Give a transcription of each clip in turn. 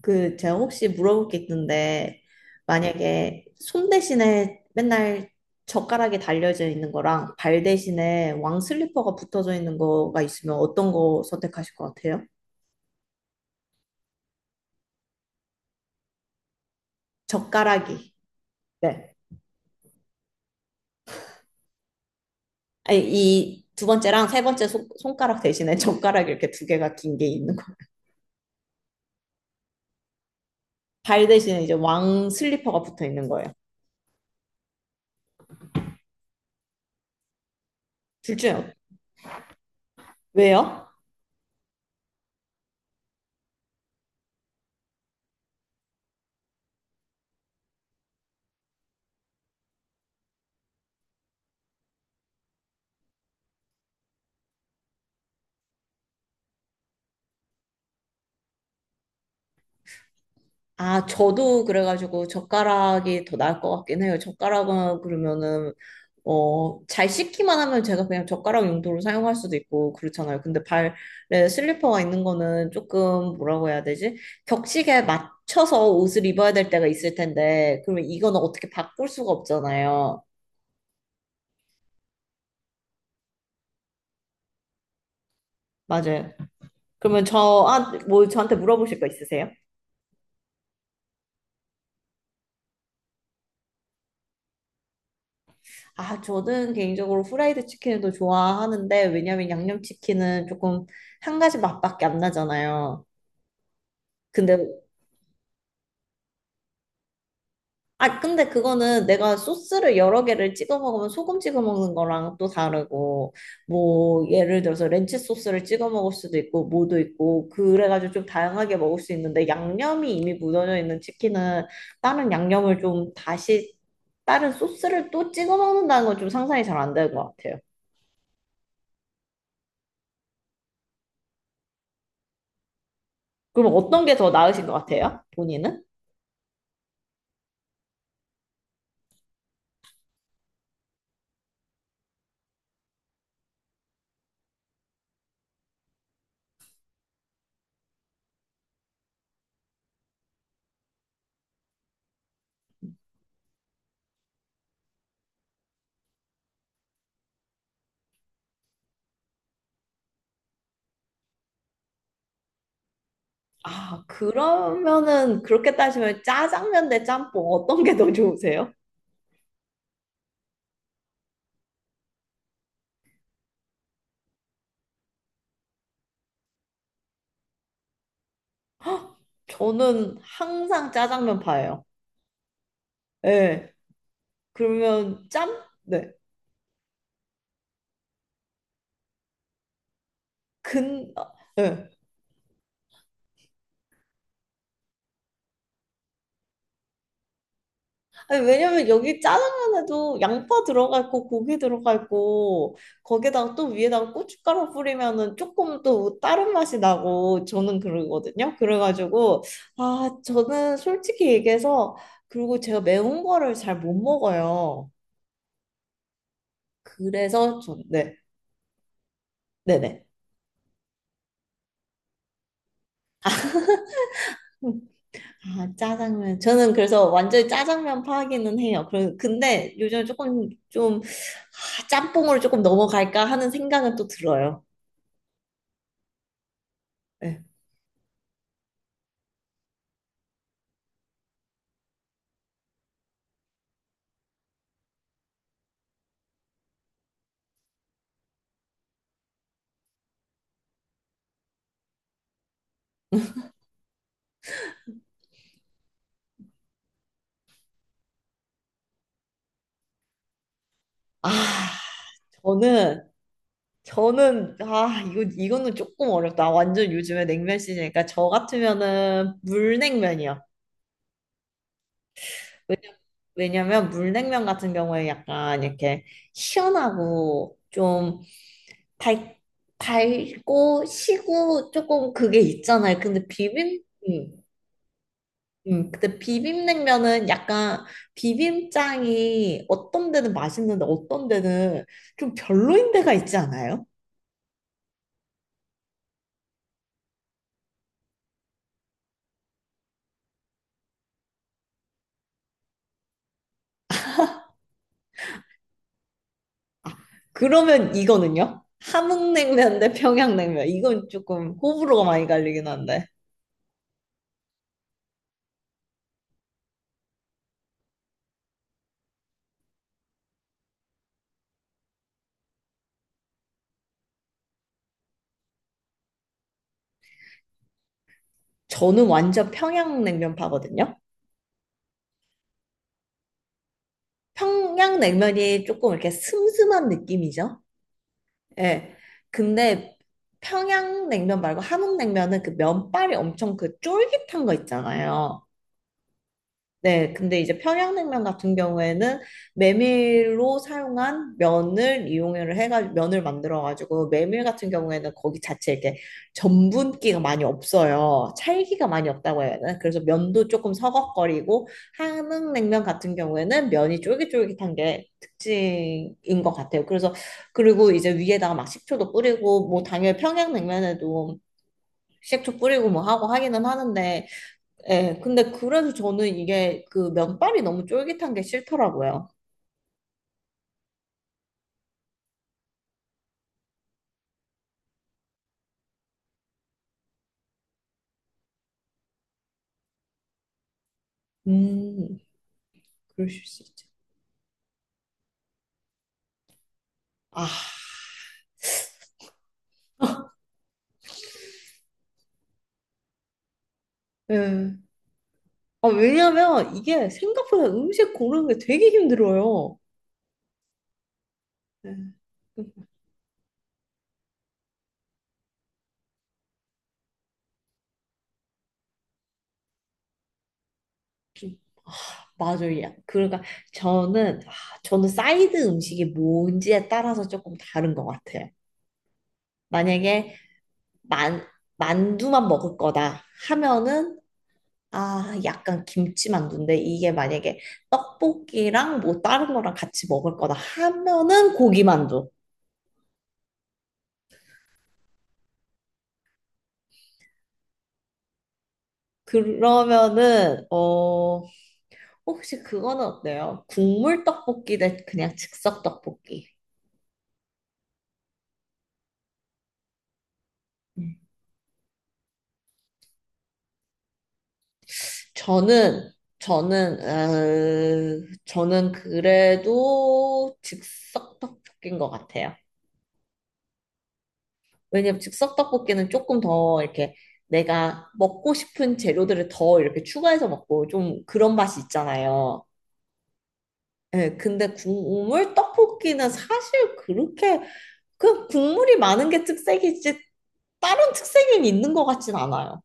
그 제가 혹시 물어볼 게 있는데. 네. 만약에 손 대신에 맨날 젓가락이 달려져 있는 거랑 발 대신에 왕 슬리퍼가 붙어져 있는 거가 있으면 어떤 거 선택하실 것 같아요? 젓가락이. 네. 이 두 번째랑 세 번째 손가락 대신에 젓가락 이렇게 두 개가 긴 게 있는 거. 발 대신에 이제 왕 슬리퍼가 붙어 있는 거예요. 둘 중에 왜요? 아, 저도 그래가지고 젓가락이 더 나을 것 같긴 해요. 젓가락은 그러면은, 잘 씻기만 하면 제가 그냥 젓가락 용도로 사용할 수도 있고 그렇잖아요. 근데 발에 슬리퍼가 있는 거는 조금 뭐라고 해야 되지? 격식에 맞춰서 옷을 입어야 될 때가 있을 텐데, 그러면 이거는 어떻게 바꿀 수가 없잖아요. 맞아요. 그러면 저, 아, 뭐 저한테 물어보실 거 있으세요? 아, 저는 개인적으로 후라이드 치킨을 더 좋아하는데, 왜냐면 양념치킨은 조금 한 가지 맛밖에 안 나잖아요. 근데, 아, 근데 그거는 내가 소스를 여러 개를 찍어 먹으면 소금 찍어 먹는 거랑 또 다르고, 뭐, 예를 들어서 렌치 소스를 찍어 먹을 수도 있고, 뭐도 있고, 그래가지고 좀 다양하게 먹을 수 있는데, 양념이 이미 묻어져 있는 치킨은 다른 양념을 좀 다시, 다른 소스를 또 찍어 먹는다는 건 좀 상상이 잘 안 되는 것 같아요. 그럼 어떤 게 더 나으신 것 같아요? 본인은? 아, 그러면은 그렇게 따지면 짜장면 대 짬뽕 어떤 게 더 좋으세요? 헉, 저는 항상 짜장면 파예요. 예. 그러면 짬? 네. 근, 예. 아니, 왜냐면 여기 짜장면에도 양파 들어가 있고 고기 들어가 있고 거기다가 또 위에다가 고춧가루 뿌리면은 조금 또 다른 맛이 나고 저는 그러거든요. 그래가지고 아 저는 솔직히 얘기해서 그리고 제가 매운 거를 잘 못 먹어요. 그래서 전 네, 네네. 음, 아 짜장면 저는 그래서 완전히 짜장면 파기는 해요. 그 근데 요즘 조금 좀 아, 짬뽕으로 조금 넘어갈까 하는 생각은 또 들어요. 네. 아, 저는 저는 아 이거는 조금 어렵다. 완전 요즘에 냉면 시즌이니까 저 같으면은 물냉면이요. 왜냐, 왜냐면 물냉면 같은 경우에 약간 이렇게 시원하고 좀 달, 달고 시고 조금 그게 있잖아요. 근데 비빔 음, 근데 비빔냉면은 약간 비빔장이 어떤 데는 맛있는데 어떤 데는 좀 별로인 데가 있지 않아요? 그러면 이거는요? 함흥냉면 대 평양냉면. 이건 조금 호불호가 많이 갈리긴 한데. 저는 완전 평양냉면 파거든요. 평양냉면이 조금 이렇게 슴슴한 느낌이죠. 예. 근데 평양냉면 말고 함흥냉면은 그 면발이 엄청 그 쫄깃한 거 있잖아요. 네, 근데 이제 평양냉면 같은 경우에는 메밀로 사용한 면을 이용을 해가지고 면을 만들어가지고 메밀 같은 경우에는 거기 자체 이렇게 전분기가 많이 없어요. 찰기가 많이 없다고 해야 되나? 그래서 면도 조금 서걱거리고 한흥냉면 같은 경우에는 면이 쫄깃쫄깃한 게 특징인 것 같아요. 그래서 그리고 이제 위에다가 막 식초도 뿌리고 뭐 당연히 평양냉면에도 식초 뿌리고 뭐 하고 하기는 하는데 예, 근데 그래서 저는 이게 그 면발이 너무 쫄깃한 게 싫더라고요. 음, 그러실 수 있죠. 아, 예. 아, 왜냐면 이게 생각보다 음식 고르는 게 되게 힘들어요. 예. 좀, 아, 맞아요. 그러니까 저는, 아, 저는 사이드 음식이 뭔지에 따라서 조금 다른 것 같아요. 만약에 만, 만두만 먹을 거다 하면은 아, 약간 김치만두인데 이게 만약에 떡볶이랑 뭐 다른 거랑 같이 먹을 거다 하면은 고기만두. 그러면은 어 혹시 그거는 어때요? 국물 떡볶이 대 그냥 즉석 떡볶이. 음. 저는 저는 어, 저는 그래도 즉석 떡볶이인 것 같아요. 왜냐면 즉석 떡볶이는 조금 더 이렇게 내가 먹고 싶은 재료들을 더 이렇게 추가해서 먹고 좀 그런 맛이 있잖아요. 예, 근데 국물 떡볶이는 사실 그렇게 그 국물이 많은 게 특색이지 다른 특색이 있는 것 같진 않아요.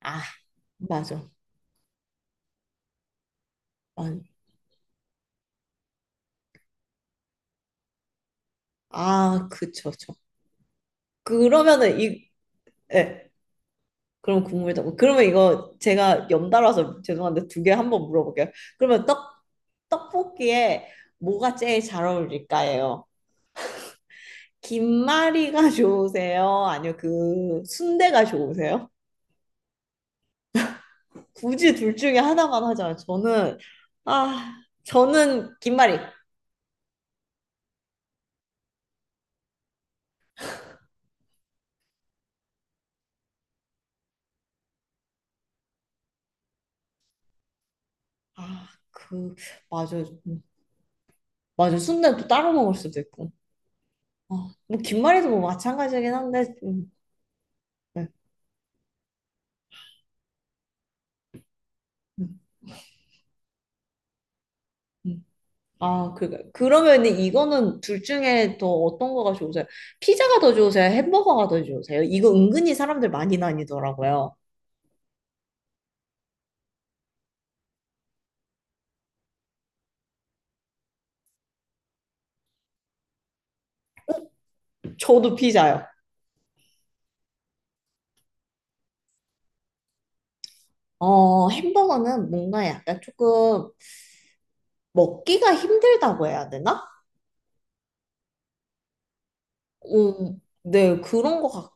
아, 맞아. 아, 아, 그쵸, 저. 그러면은 이, 예, 그럼 국물 떡볶이. 그러면 이거 제가 연달아서 죄송한데 두 개 한번 물어볼게요. 그러면 떡볶이에 뭐가 제일 잘 어울릴까요? 김말이가 좋으세요? 아니요, 그 순대가 좋으세요? 굳이 둘 중에 하나만 하자면 저는 아 저는 김말이 아 그 맞아 맞아 순대는 또 따로 먹을 수도 있고 아, 뭐 김말이도 뭐 마찬가지긴 한데 네, 음, 음. 아 그, 그러면 이거는 둘 중에 더 어떤 거가 좋으세요? 피자가 더 좋으세요? 햄버거가 더 좋으세요? 이거 은근히 사람들 많이 나뉘더라고요. 저도 피자요. 어, 햄버거는 뭔가 약간 조금 먹기가 힘들다고 해야 되나? 네, 그런 것 같,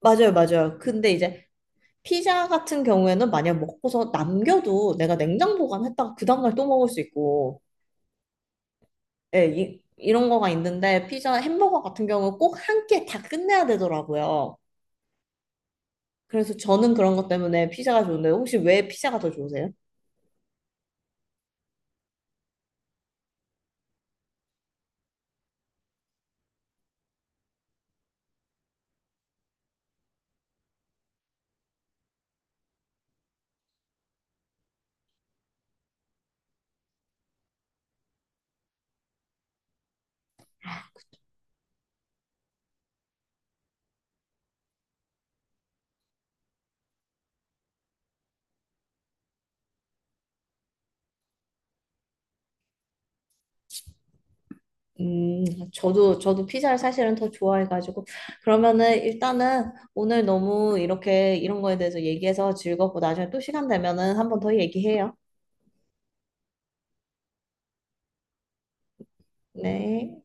맞아요, 맞아요. 근데 이제 피자 같은 경우에는 만약 먹고서 남겨도 내가 냉장 보관했다가 그 다음날 또 먹을 수 있고, 예, 이런 거가 있는데 피자, 햄버거 같은 경우는 꼭 한 끼에 다 끝내야 되더라고요. 그래서 저는 그런 것 때문에 피자가 좋은데 혹시 왜 피자가 더 좋으세요? 음, 저도 피자를 사실은 더 좋아해가지고. 그러면은 일단은 오늘 너무 이렇게 이런 거에 대해서 얘기해서 즐겁고 나중에 또 시간 되면은 한 번 더 얘기해요. 네.